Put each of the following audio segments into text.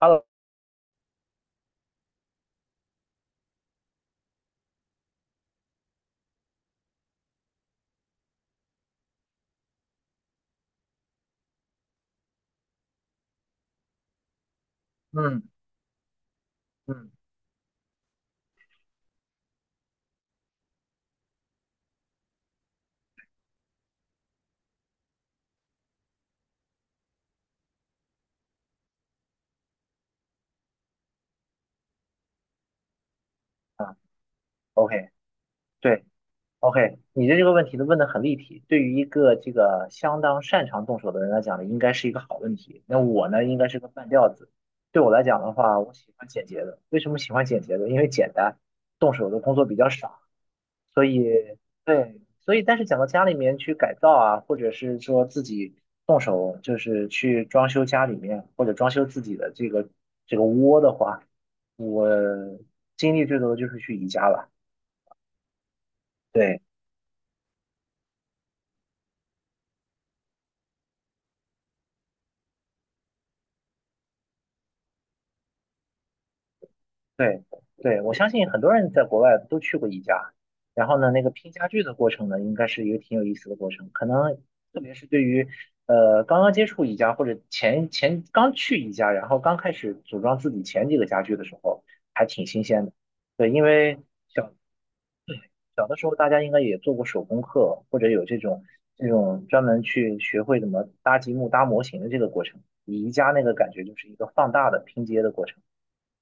Hello，嗯嗯啊，OK，对，OK，你的这个问题的问的很立体，对于一个这个相当擅长动手的人来讲呢，应该是一个好问题。那我呢，应该是个半吊子。对我来讲的话，我喜欢简洁的。为什么喜欢简洁的？因为简单，动手的工作比较少。所以对，所以但是讲到家里面去改造啊，或者是说自己动手就是去装修家里面或者装修自己的这个窝的话，我经历最多的就是去宜家了。对，对对，我相信很多人在国外都去过宜家，然后呢，那个拼家具的过程呢，应该是一个挺有意思的过程。可能特别是对于刚刚接触宜家或者前刚去宜家，然后刚开始组装自己前几个家具的时候，还挺新鲜的。对，因为小的时候大家应该也做过手工课，或者有这种专门去学会怎么搭积木、搭模型的这个过程。宜家那个感觉就是一个放大的拼接的过程。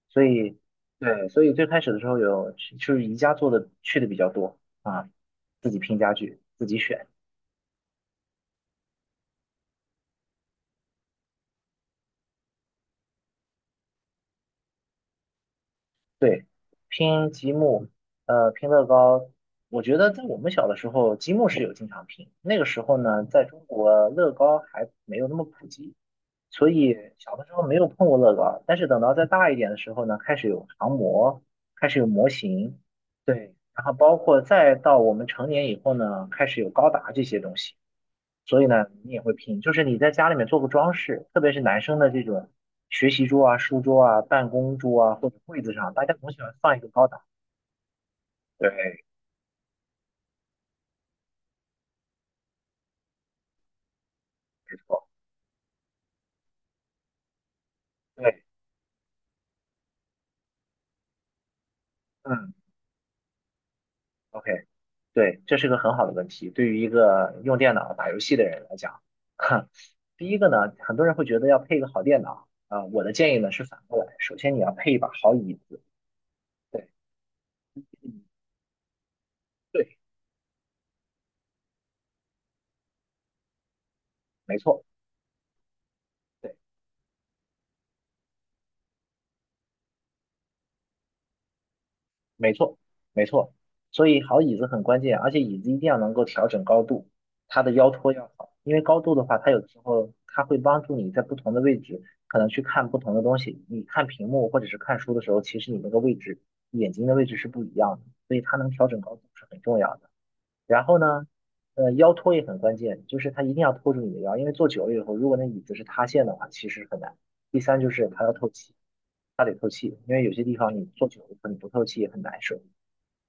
所以对，所以最开始的时候有就是宜家做的去的比较多啊，自己拼家具，自己选，对，拼积木，拼乐高。我觉得在我们小的时候，积木是有经常拼。那个时候呢，在中国乐高还没有那么普及，所以小的时候没有碰过乐高。但是等到再大一点的时候呢，开始有航模，开始有模型，对，然后包括再到我们成年以后呢，开始有高达这些东西。所以呢，你也会拼，就是你在家里面做个装饰，特别是男生的这种学习桌啊、书桌啊、办公桌啊或者柜子上，大家总喜欢放一个高达。对，没错，对，嗯，OK，对，这是个很好的问题，对于一个用电脑打游戏的人来讲，哈，第一个呢，很多人会觉得要配一个好电脑啊，我的建议呢是反过来，首先你要配一把好椅子，对，嗯，对，没错。对。没错，没错，所以好椅子很关键，而且椅子一定要能够调整高度，它的腰托要好，因为高度的话，它有的时候它会帮助你在不同的位置，可能去看不同的东西。你看屏幕或者是看书的时候，其实你那个位置，眼睛的位置是不一样的，所以它能调整高度是很重要的。然后呢，腰托也很关键，就是它一定要托住你的腰，因为坐久了以后，如果那椅子是塌陷的话，其实很难。第三就是它要透气，它得透气，因为有些地方你坐久了以后你不透气也很难受。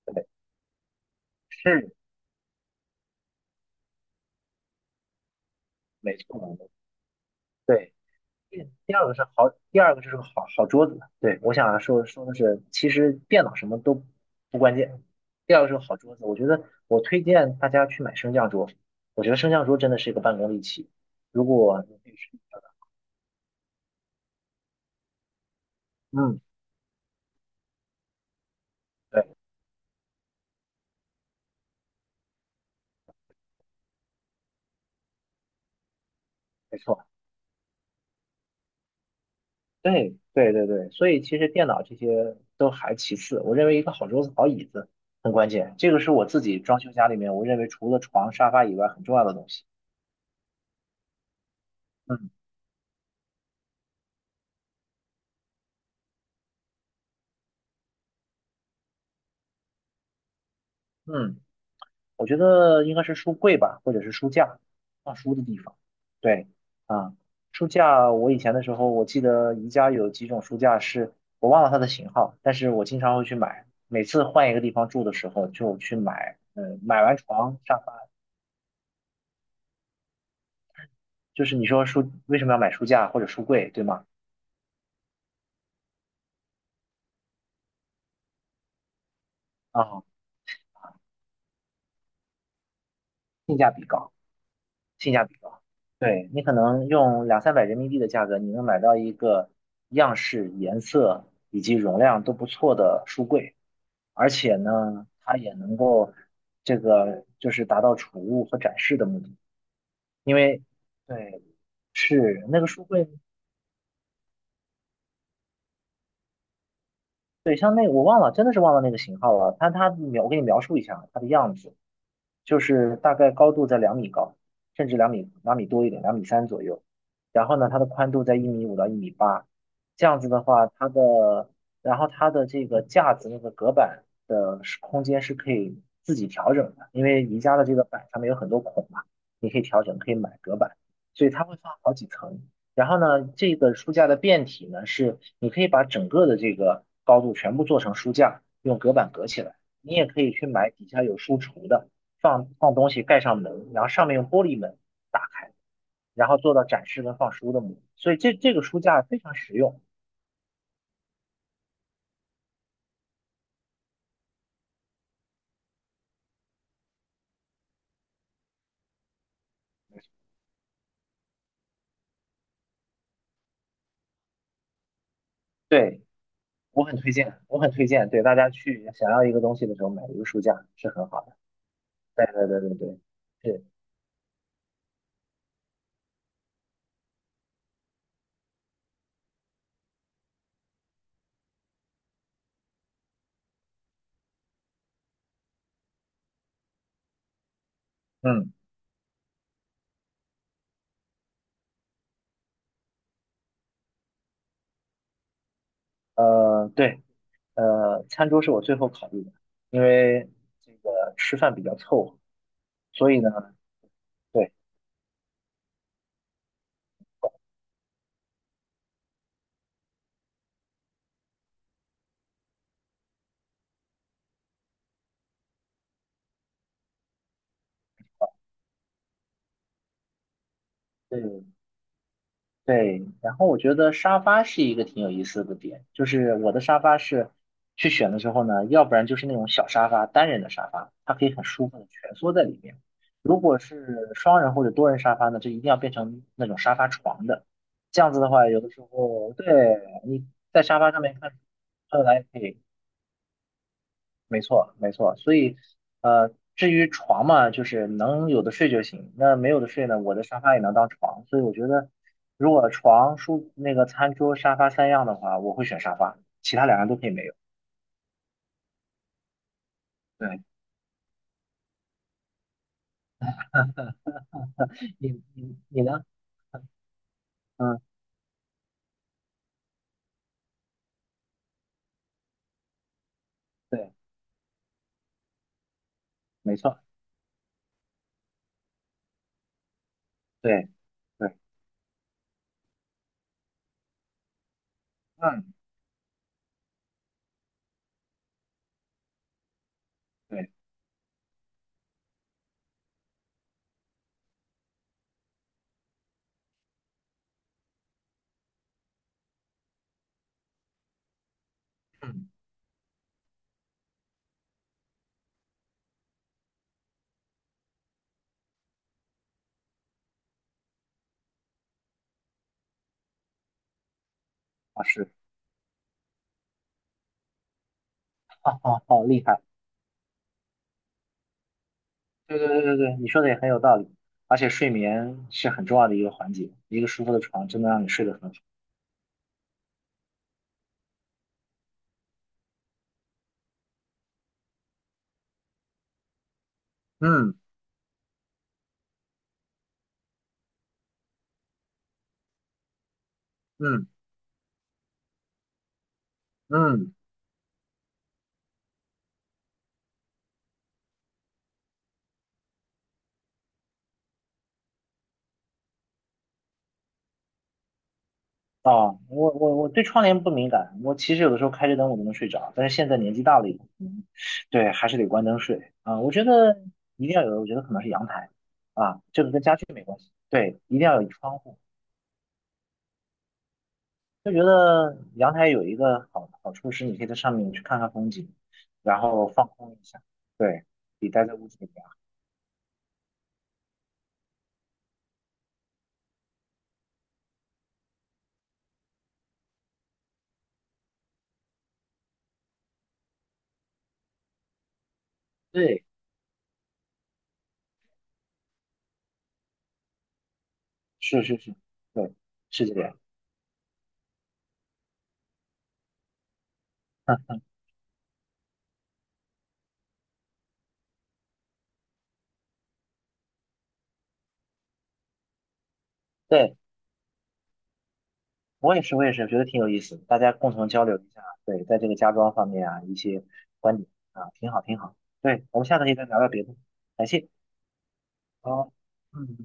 对，是没错，对。第二个是好，第二个就是个好桌子。对，我想说说的是，其实电脑什么都不关键，第二个是个好桌子。我觉得我推荐大家去买升降桌，我觉得升降桌真的是一个办公利器。如果你可以试嗯，对，没错，对对对对，所以其实电脑这些都还其次，我认为一个好桌子、好椅子很关键，这个是我自己装修家里面，我认为除了床、沙发以外很重要的东西。嗯嗯。我觉得应该是书柜吧，或者是书架，放书的地方。对，啊，书架，我以前的时候，我记得宜家有几种书架是，我忘了它的型号，但是我经常会去买，每次换一个地方住的时候就去买，嗯，买完床、沙发，就是你说书为什么要买书架或者书柜，对吗？啊，性价比高，性价比高。对，你可能用两三百人民币的价格，你能买到一个样式、颜色以及容量都不错的书柜。而且呢，它也能够这个就是达到储物和展示的目的，因为对是那个书柜，对像那我忘了，真的是忘了那个型号了，但它描我给你描述一下它的样子，就是大概高度在2米高，甚至两米两米多一点，2米3左右。然后呢，它的宽度在1米5到1米8，这样子的话，它的然后它的这个架子那个隔板的是空间是可以自己调整的，因为宜家的这个板上面有很多孔嘛，你可以调整，可以买隔板，所以它会放好几层。然后呢，这个书架的变体呢，是你可以把整个的这个高度全部做成书架，用隔板隔起来。你也可以去买底下有书橱的，放放东西，盖上门，然后上面用玻璃门打开，然后做到展示跟放书的目的所以这个书架非常实用，对我很推荐，我很推荐，对大家去想要一个东西的时候买一个书架是很好的。对对对对对，对，嗯对餐桌是我最后考虑的，因为这个吃饭比较凑合，所以呢，对对对，然后我觉得沙发是一个挺有意思的点，就是我的沙发是去选的时候呢，要不然就是那种小沙发，单人的沙发，它可以很舒服的蜷缩在里面；如果是双人或者多人沙发呢，就一定要变成那种沙发床的。这样子的话，有的时候对你在沙发上面看书，后来可以没错，没错。所以，至于床嘛，就是能有的睡就行。那没有的睡呢，我的沙发也能当床。所以我觉得，如果床、书、那个餐桌、沙发三样的话，我会选沙发，其他两样都可以没有。对，你呢？嗯，对，没错，对对，嗯对，嗯，啊是，好好好厉害。对对对对对，你说的也很有道理。而且睡眠是很重要的一个环节，一个舒服的床真的让你睡得很好。嗯嗯嗯。啊，我对窗帘不敏感，我其实有的时候开着灯我都能睡着，但是现在年纪大了以后，嗯 对，还是得关灯睡啊。我觉得一定要有，我觉得可能是阳台啊，这个跟家具没关系，对，一定要有窗户。就觉得阳台有一个好处是，你可以在上面去看看风景，然后放空一下，对，比待在屋子里面。对，是是是，对，是这样。我也是，我也是，觉得挺有意思的大家共同交流一下，对，在这个家装方面啊，一些观点啊，挺好，挺好。对，我们下次可以再聊聊别的，感谢。好，嗯。